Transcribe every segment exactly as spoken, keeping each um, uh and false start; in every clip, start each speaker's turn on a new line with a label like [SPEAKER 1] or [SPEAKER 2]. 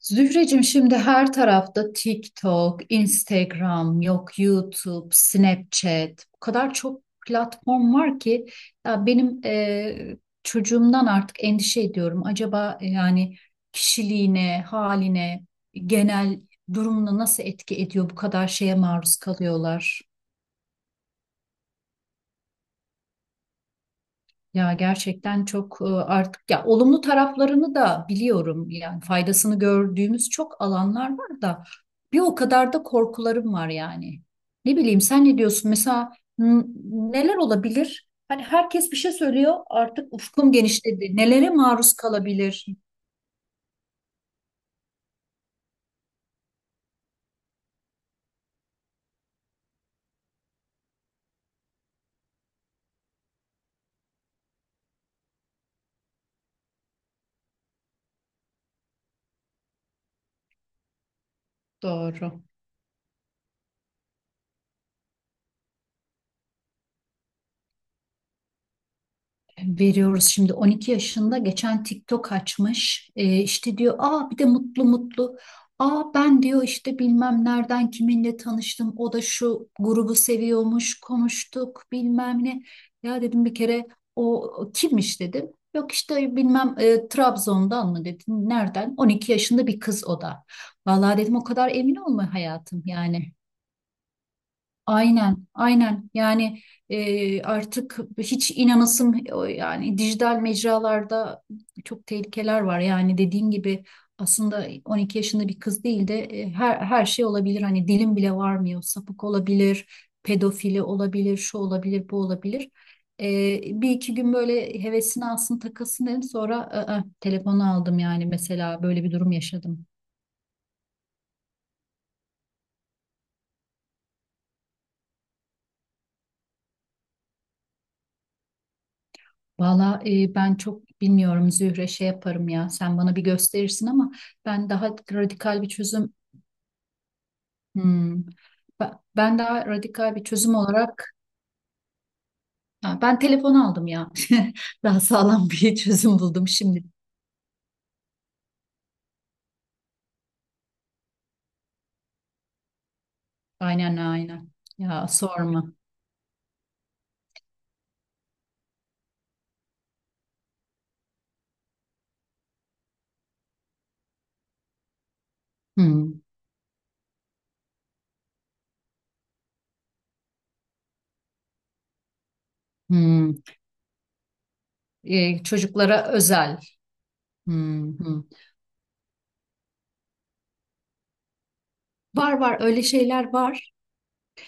[SPEAKER 1] Zühreciğim, şimdi her tarafta TikTok, Instagram, yok YouTube, Snapchat. O kadar çok platform var ki ya benim, e, çocuğumdan artık endişe ediyorum. Acaba e, yani kişiliğine, haline, genel durumuna nasıl etki ediyor bu kadar şeye maruz kalıyorlar? Ya gerçekten çok, e, artık ya olumlu taraflarını da biliyorum. Yani faydasını gördüğümüz çok alanlar var da bir o kadar da korkularım var yani. Ne bileyim, sen ne diyorsun? Mesela n- neler olabilir? Hani herkes bir şey söylüyor. Artık ufkum genişledi. Nelere maruz kalabilir? Doğru. Veriyoruz şimdi, on iki yaşında geçen TikTok açmış. Ee, işte diyor, aa bir de mutlu mutlu, aa ben diyor işte bilmem nereden kiminle tanıştım, o da şu grubu seviyormuş, konuştuk bilmem ne. Ya dedim bir kere, o, o kimmiş dedim. Yok işte bilmem, e, Trabzon'dan mı dedim, nereden? on iki yaşında bir kız o da. Vallahi dedim, o kadar emin olma hayatım yani. Aynen, aynen. Yani e, artık hiç inanasım, yani dijital mecralarda çok tehlikeler var. Yani dediğin gibi, aslında on iki yaşında bir kız değil de, e, her her şey olabilir. Hani dilim bile varmıyor. Sapık olabilir, pedofili olabilir, şu olabilir, bu olabilir. E, Bir iki gün böyle hevesini alsın, takılsın dedim. Sonra, "Aa, telefonu aldım yani, mesela böyle bir durum yaşadım." Valla e, ben çok bilmiyorum Zühre, şey yaparım ya, sen bana bir gösterirsin ama ben daha radikal bir çözüm. Hmm. Ba- Ben daha radikal bir çözüm olarak. Ha, ben telefon aldım ya. Daha sağlam bir çözüm buldum şimdi. Aynen, aynen. Ya sorma. Hmm, hmm. E, çocuklara özel. Hmm, hmm. Var var, öyle şeyler var.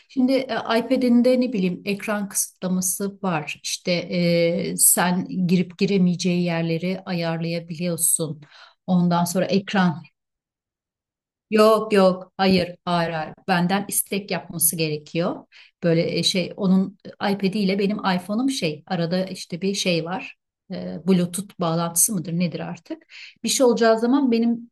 [SPEAKER 1] Şimdi e, iPad'inde ne bileyim ekran kısıtlaması var. İşte e, sen girip giremeyeceği yerleri ayarlayabiliyorsun. Ondan sonra ekran. Yok yok, hayır hayır, hayır. Benden istek yapması gerekiyor. Böyle e, şey, onun iPad'i ile benim iPhone'um, şey arada işte bir şey var. E, Bluetooth bağlantısı mıdır nedir artık? Bir şey olacağı zaman benim,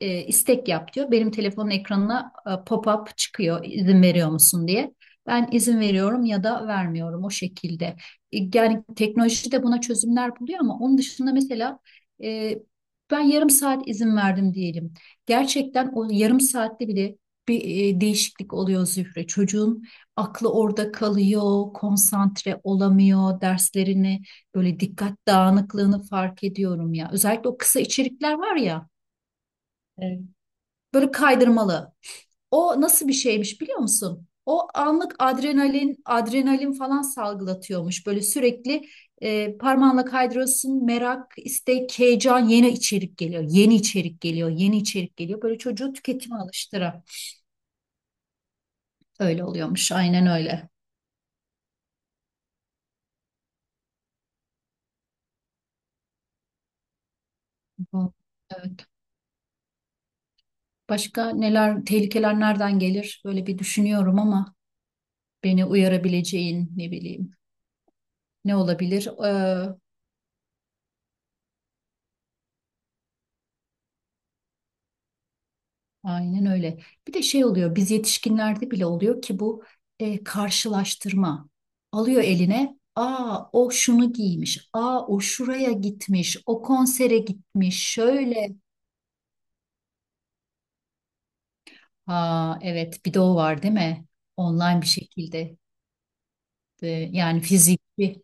[SPEAKER 1] e, istek yap diyor. Benim telefonun ekranına e, pop-up çıkıyor, izin veriyor musun diye. Ben izin veriyorum ya da vermiyorum, o şekilde. E, Yani teknoloji de buna çözümler buluyor ama onun dışında mesela, e, ben yarım saat izin verdim diyelim. Gerçekten o yarım saatte bile bir e, değişiklik oluyor Zühre. Çocuğun aklı orada kalıyor, konsantre olamıyor, derslerini, böyle dikkat dağınıklığını fark ediyorum ya. Özellikle o kısa içerikler var ya. Böyle kaydırmalı. O nasıl bir şeymiş biliyor musun? O anlık adrenalin, adrenalin falan salgılatıyormuş. Böyle sürekli, e, parmağınla kaydırıyorsun. Merak, istek, heyecan, yeni içerik geliyor. Yeni içerik geliyor, yeni içerik geliyor. Böyle çocuğu tüketime alıştıra. Öyle oluyormuş, aynen öyle. Bu- Evet. Başka neler, tehlikeler nereden gelir? Böyle bir düşünüyorum ama beni uyarabileceğin ne bileyim, ne olabilir? Aynen öyle. Bir de şey oluyor, biz yetişkinlerde bile oluyor ki bu e, karşılaştırma. Alıyor eline, aa o şunu giymiş, aa o şuraya gitmiş, o konsere gitmiş, şöyle. Aa, evet, bir de o var değil mi? Online bir şekilde. E, Yani fiziki.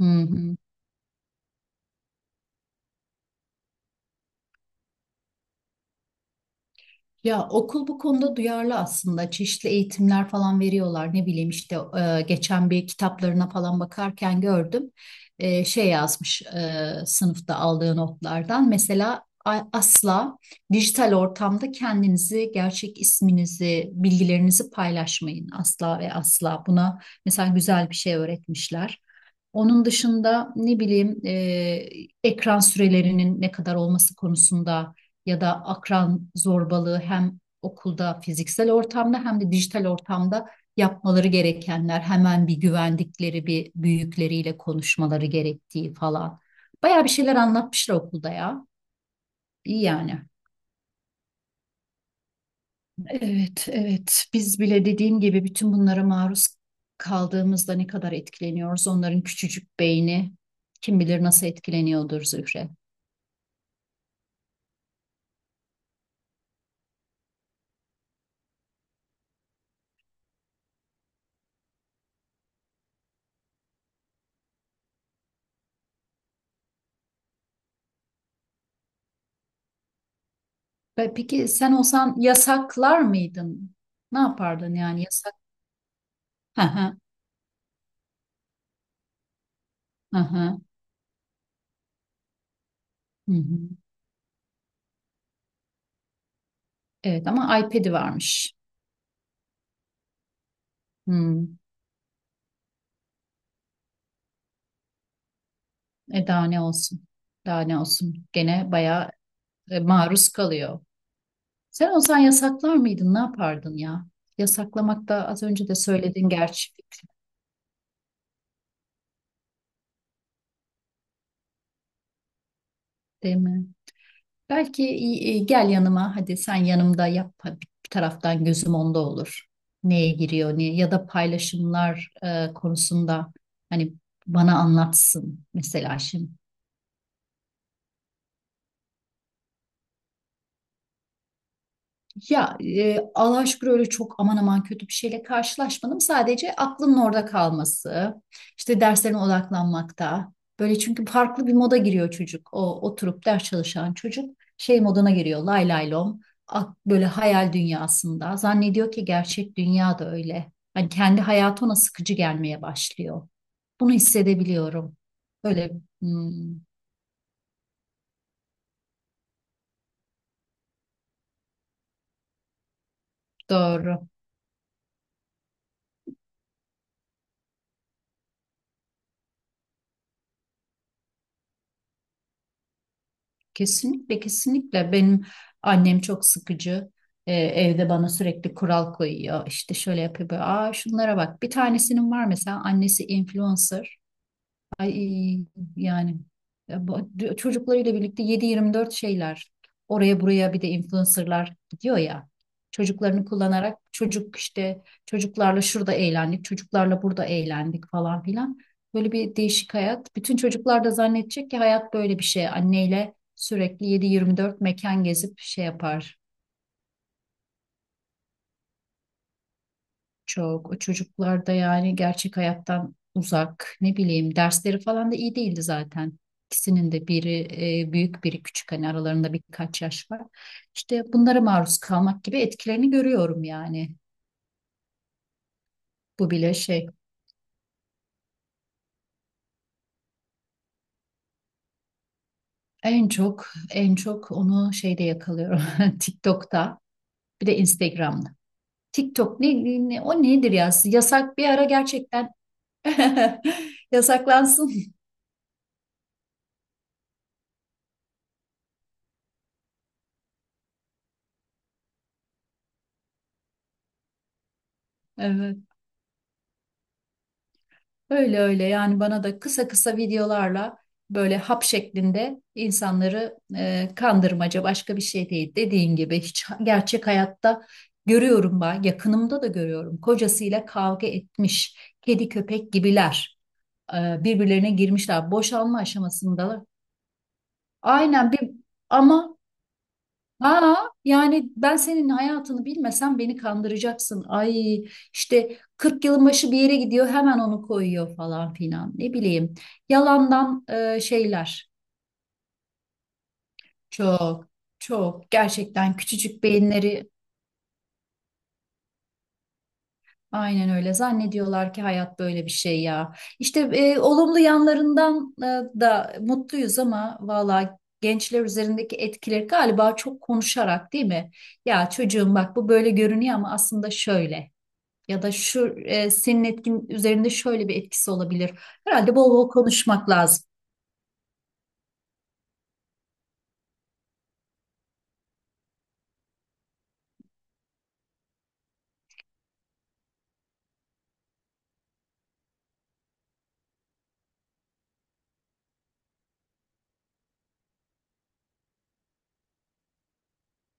[SPEAKER 1] Hı hı. Ya, okul bu konuda duyarlı aslında. Çeşitli eğitimler falan veriyorlar. Ne bileyim işte, e, geçen bir kitaplarına falan bakarken gördüm. E, şey yazmış, e, sınıfta aldığı notlardan. Mesela a- asla dijital ortamda kendinizi, gerçek isminizi, bilgilerinizi paylaşmayın. Asla ve asla. Buna mesela güzel bir şey öğretmişler. Onun dışında ne bileyim, e, ekran sürelerinin ne kadar olması konusunda ya da akran zorbalığı, hem okulda fiziksel ortamda hem de dijital ortamda yapmaları gerekenler, hemen bir güvendikleri bir büyükleriyle konuşmaları gerektiği falan. Bayağı bir şeyler anlatmışlar okulda ya. İyi yani. Evet, evet. Biz bile dediğim gibi bütün bunlara maruz kaldığımızda ne kadar etkileniyoruz? Onların küçücük beyni kim bilir nasıl etkileniyordur Zühre. Pe- Peki sen olsan yasaklar mıydın? Ne yapardın yani, yasak? Aha, hı hı. Evet ama iPad'i varmış. Hmm. E, daha ne olsun? Daha ne olsun? Gene bayağı e, maruz kalıyor. Sen olsan yasaklar mıydın? Ne yapardın ya? Yasaklamak da, az önce de söyledin gerçi, değil mi? Belki e, e, gel yanıma, hadi sen yanımda yap. Hadi, bir taraftan gözüm onda olur. Neye giriyor, ne ya da paylaşımlar e, konusunda hani bana anlatsın mesela şimdi. Ya, e, Allah'a şükür öyle çok aman aman kötü bir şeyle karşılaşmadım. Sadece aklının orada kalması, işte derslerine odaklanmakta. Böyle çünkü farklı bir moda giriyor çocuk. O oturup ders çalışan çocuk şey moduna giriyor. Lay lay lom. Ak- Böyle hayal dünyasında. Zannediyor ki gerçek dünya da öyle. Hani kendi hayatı ona sıkıcı gelmeye başlıyor. Bunu hissedebiliyorum. Böyle. Hmm. Doğru. Kesinlikle, kesinlikle, benim annem çok sıkıcı. Ee, evde bana sürekli kural koyuyor. İşte şöyle yapıyor. Böyle. Aa, şunlara bak. Bir tanesinin var mesela annesi influencer. Ay, yani e, bu- d- çocuklarıyla birlikte yedi yirmi dört şeyler, oraya buraya, bir de influencerlar gidiyor ya, çocuklarını kullanarak. Çocuk işte, çocuklarla şurada eğlendik, çocuklarla burada eğlendik falan filan. Böyle bir değişik hayat. Bütün çocuklar da zannedecek ki hayat böyle bir şey, anneyle sürekli yedi yirmi dört mekan gezip şey yapar. Çok. O çocuklar da yani gerçek hayattan uzak. Ne bileyim dersleri falan da iyi değildi zaten. İkisinin de biri e, büyük, biri küçük, hani aralarında birkaç yaş var. İşte bunlara maruz kalmak gibi etkilerini görüyorum yani. Bu bile şey. En çok, en çok onu şeyde yakalıyorum TikTok'ta, bir de Instagram'da. TikTok ne, ne o nedir ya, yasak bir ara gerçekten yasaklansın. Evet. Öyle öyle yani, bana da kısa kısa videolarla böyle hap şeklinde insanları, e, kandırmaca başka bir şey değil. Dediğin gibi hiç gerçek hayatta görüyorum, ben yakınımda da görüyorum. Kocasıyla kavga etmiş, kedi köpek gibiler, e, birbirlerine girmişler, boşanma aşamasında. Aynen. Bir ama. Ha, yani ben senin hayatını bilmesem beni kandıracaksın. Ay, işte kırk yılın başı bir yere gidiyor, hemen onu koyuyor falan filan. Ne bileyim. Yalandan e, şeyler. Çok, çok gerçekten küçücük beyinleri aynen öyle zannediyorlar ki hayat böyle bir şey ya. İşte e, olumlu yanlarından e, da mutluyuz ama valla gençler üzerindeki etkileri galiba, çok konuşarak değil mi? Ya çocuğum bak, bu böyle görünüyor ama aslında şöyle. Ya da şu, e, senin etkin üzerinde şöyle bir etkisi olabilir. Herhalde bol bol konuşmak lazım.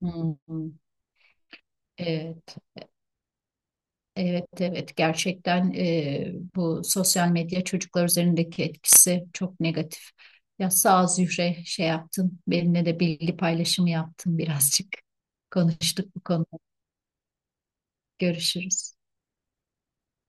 [SPEAKER 1] Hmm. Evet, evet, evet. Gerçekten e, bu sosyal medya çocuklar üzerindeki etkisi çok negatif. Ya sağ ol Zühre, şey yaptın. Benimle de bilgi paylaşımı yaptın birazcık. Konuştuk bu konuda. Görüşürüz.